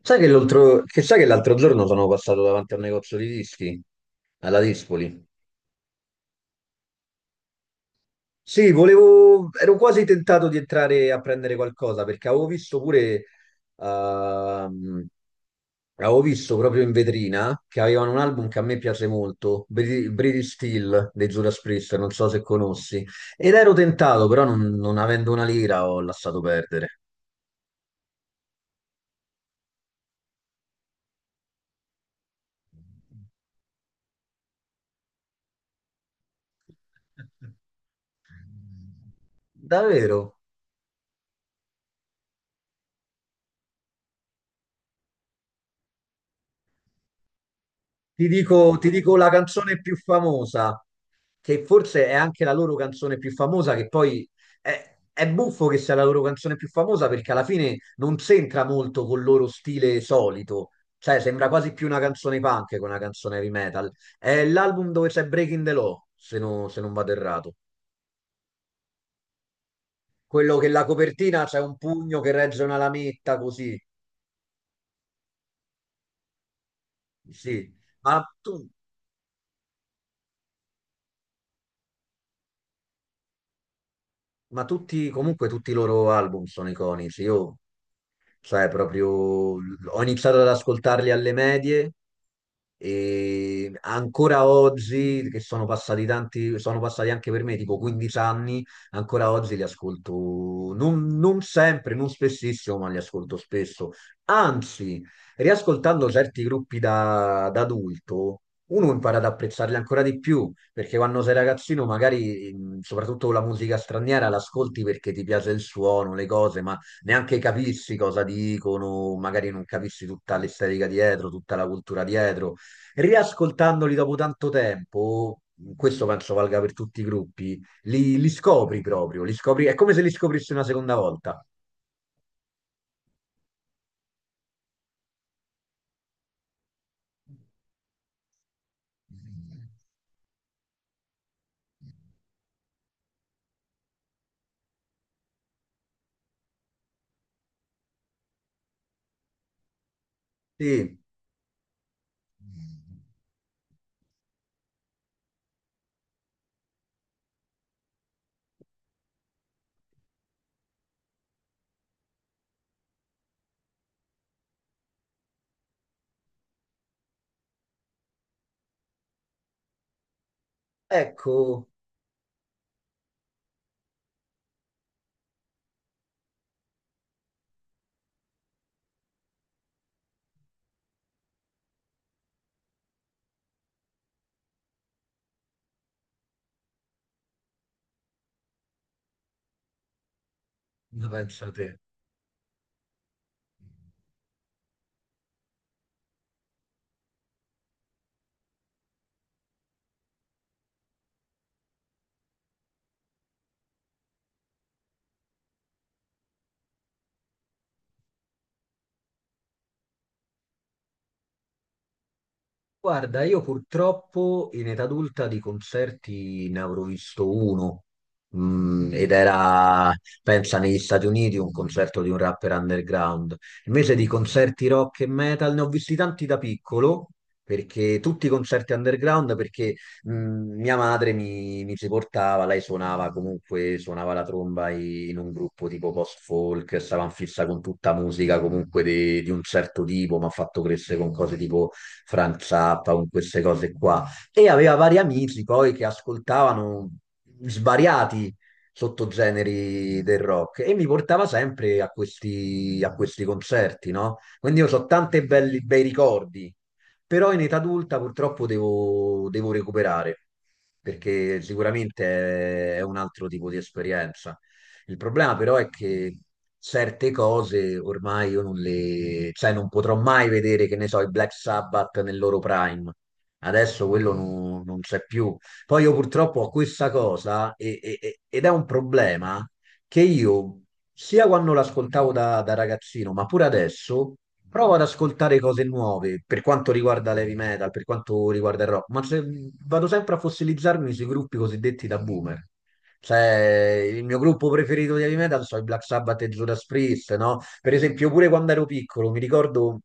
Sai che l'altro giorno sono passato davanti a un negozio di dischi alla Dispoli? Sì, volevo, ero quasi tentato di entrare a prendere qualcosa perché avevo visto pure, ehm, avevo visto proprio in vetrina che avevano un album che a me piace molto, British Steel dei Judas Priest, non so se conosci, ed ero tentato, però non avendo una lira ho lasciato perdere. Davvero? Ti dico la canzone più famosa, che forse è anche la loro canzone più famosa, che poi è buffo che sia la loro canzone più famosa perché alla fine non c'entra molto col loro stile solito, cioè sembra quasi più una canzone punk che una canzone heavy metal. È l'album dove c'è Breaking the Law, se non vado errato. Quello che la copertina c'è un pugno che regge una lametta così, sì. Ma, tu- ma tutti, comunque tutti i loro album sono iconici. Io cioè, proprio ho iniziato ad ascoltarli alle medie e ancora oggi, che sono passati tanti, sono passati anche per me tipo 15 anni, ancora oggi li ascolto, non sempre, non spessissimo, ma li ascolto spesso. Anzi, riascoltando certi gruppi da adulto, uno impara ad apprezzarli ancora di più, perché quando sei ragazzino magari, soprattutto la musica straniera, l'ascolti perché ti piace il suono, le cose, ma neanche capissi cosa dicono, magari non capissi tutta l'estetica dietro, tutta la cultura dietro. Riascoltandoli dopo tanto tempo, questo penso valga per tutti i gruppi, li scopri proprio, li scopri, è come se li scoprissi una seconda volta. Sì, ecco, pensa te. Guarda, io purtroppo in età adulta di concerti ne avrò visto uno, ed era, pensa, negli Stati Uniti un concerto di un rapper underground. Invece di concerti rock e metal ne ho visti tanti da piccolo, perché tutti i concerti underground, perché mi ci portava, lei suonava comunque, suonava la tromba in un gruppo tipo post-folk, stava in fissa con tutta musica comunque di un certo tipo, mi ha fatto crescere con cose tipo... Frank Zappa, con queste cose qua. E aveva vari amici poi che ascoltavano svariati sottogeneri del rock e mi portava sempre a questi concerti, no? Quindi io so tanti belli, bei ricordi, però in età adulta purtroppo devo recuperare, perché sicuramente è un altro tipo di esperienza. Il problema però è che certe cose ormai io non le, cioè non potrò mai vedere, che ne so, i Black Sabbath nel loro prime. Adesso quello non c'è più. Poi io purtroppo ho questa cosa ed è un problema che io, sia quando l'ascoltavo da ragazzino, ma pure adesso, provo ad ascoltare cose nuove per quanto riguarda l'heavy metal, per quanto riguarda il rock, vado sempre a fossilizzarmi sui gruppi cosiddetti da boomer. Cioè, il mio gruppo preferito di heavy metal sono i Black Sabbath e Judas Priest, no? Per esempio, pure quando ero piccolo, mi ricordo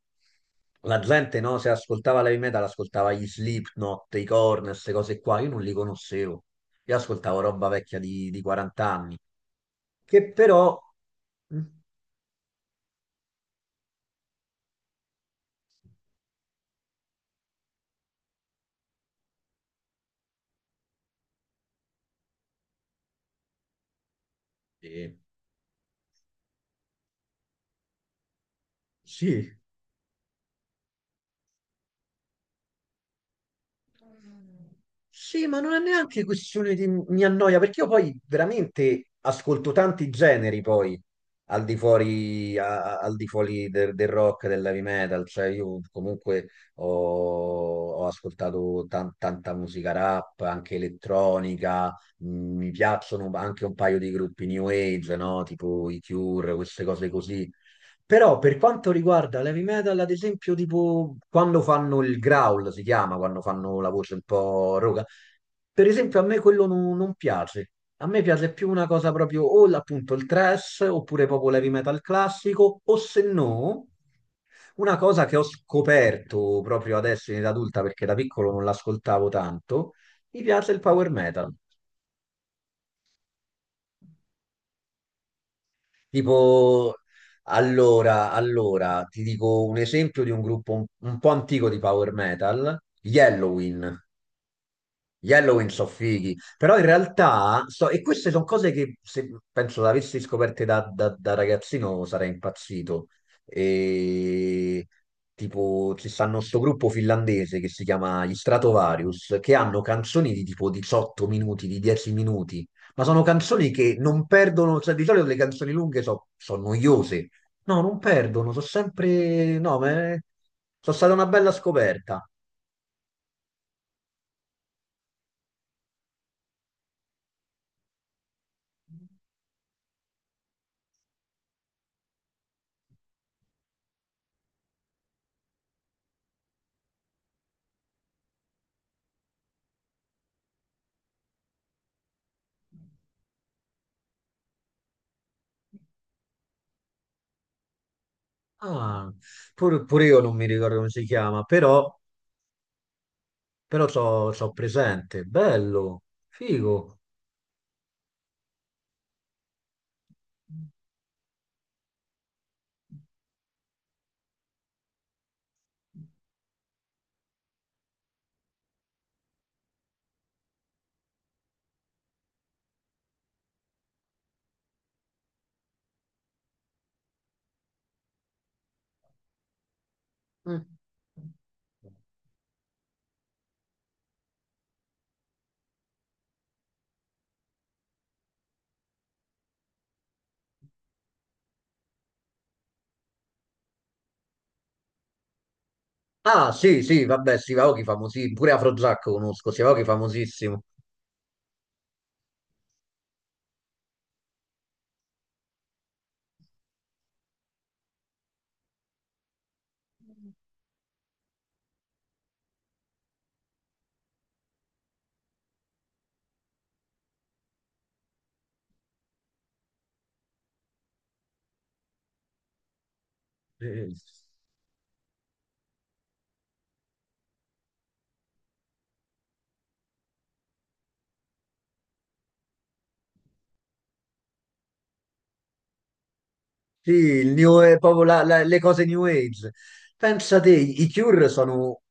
la gente, no? Se ascoltava l'heavy metal, ascoltava gli Slipknot, i Korn, queste cose qua. Io non li conoscevo. Io ascoltavo roba vecchia di 40 anni, che però... Mm, eh, sì, sì, ma non è neanche questione di mi annoia, perché io poi veramente ascolto tanti generi poi al di fuori, al di fuori del rock, dell'heavy metal, cioè io comunque ho ascoltato tanta musica rap, anche elettronica, mi piacciono anche un paio di gruppi new age, no? Tipo i Cure, queste cose così. Però per quanto riguarda l'heavy metal, ad esempio, tipo quando fanno il growl, si chiama, quando fanno la voce un po' roca, per esempio a me quello non piace. A me piace più una cosa proprio appunto il thrash, oppure proprio l'heavy metal classico, o se no, una cosa che ho scoperto proprio adesso in età adulta, perché da piccolo non l'ascoltavo tanto, mi piace il power metal. Tipo, allora, ti dico un esempio di un gruppo un po' antico di power metal, gli Helloween. Gli Halloween sono fighi, però in realtà, e queste sono cose che se penso le avessi scoperte da ragazzino sarei impazzito. E, tipo, ci stanno sto gruppo finlandese che si chiama gli Stratovarius, che hanno canzoni di tipo 18 minuti, di 10 minuti, ma sono canzoni che non perdono, cioè di solito le canzoni lunghe sono noiose. No, non perdono, sono sempre... No, sono stata una bella scoperta. Ah, pure io non mi ricordo come si chiama, però, però so, so presente. Bello, figo. Ah, sì, sì, vabbè, Sivaochi famosissimo. Pure Afrojack conosco, Sivaochi famosissimo. Sì. Sì, è proprio le cose New Age. Pensa te, i Cure sono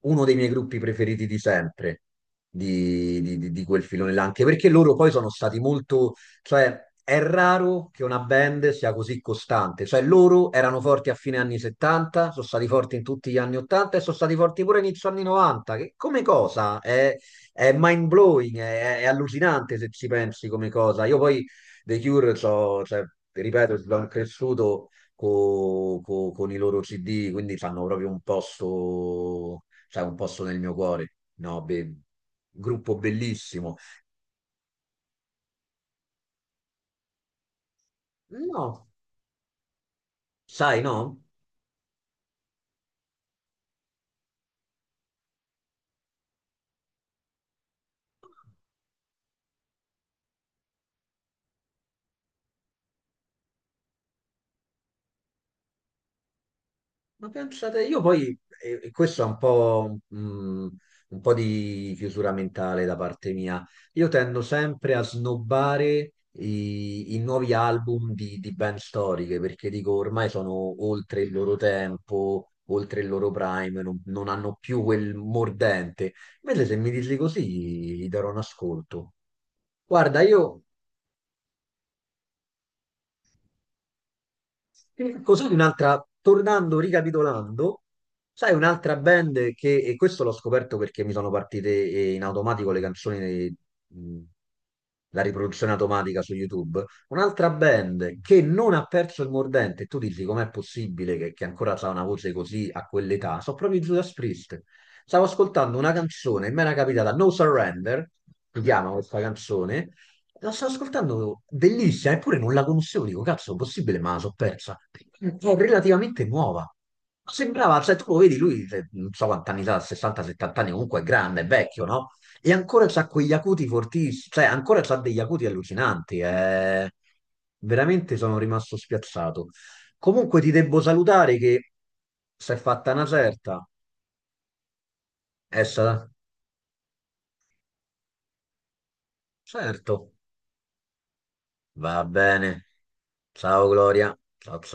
uno dei miei gruppi preferiti di sempre, di quel filone là, anche perché loro poi sono stati molto... Cioè, è raro che una band sia così costante. Cioè, loro erano forti a fine anni 70, sono stati forti in tutti gli anni 80 e sono stati forti pure inizio anni 90, che come cosa è mind-blowing, è allucinante se ci pensi come cosa. Io poi The Cure, so, cioè, ripeto, sono cresciuto con i loro CD, quindi hanno proprio un posto, cioè, un posto nel mio cuore. Gruppo bellissimo. No, sai, no? Ma pensate, io poi, e questo è un po' di chiusura mentale da parte mia, io tendo sempre a snobbare i nuovi album di band storiche, perché dico ormai sono oltre il loro tempo, oltre il loro prime, non hanno più quel mordente. Invece se mi dici così, gli darò un ascolto. Guarda, io E così un'altra, tornando, ricapitolando, sai un'altra band che, e questo l'ho scoperto perché mi sono partite in automatico le canzoni, mh, la riproduzione automatica su YouTube, un'altra band che non ha perso il mordente, e tu dici com'è possibile che ancora ha una voce così a quell'età, sono proprio i Judas Priest. Stavo ascoltando una canzone, mi era capitata No Surrender, si chiama questa canzone, la sto ascoltando, bellissima, eppure non la conoscevo, dico, cazzo, possibile, ma la so persa. È relativamente nuova. Ma sembrava, cioè, tu lo vedi, lui, cioè, non so quanti anni ha, 60-70 anni, comunque è grande, è vecchio, no? E ancora c'ha quegli acuti fortissimi, cioè, ancora c'ha degli acuti allucinanti, eh. Veramente sono rimasto spiazzato. Comunque ti devo salutare che si è fatta una certa. Essa? Certo, va bene. Ciao Gloria, ciao ciao.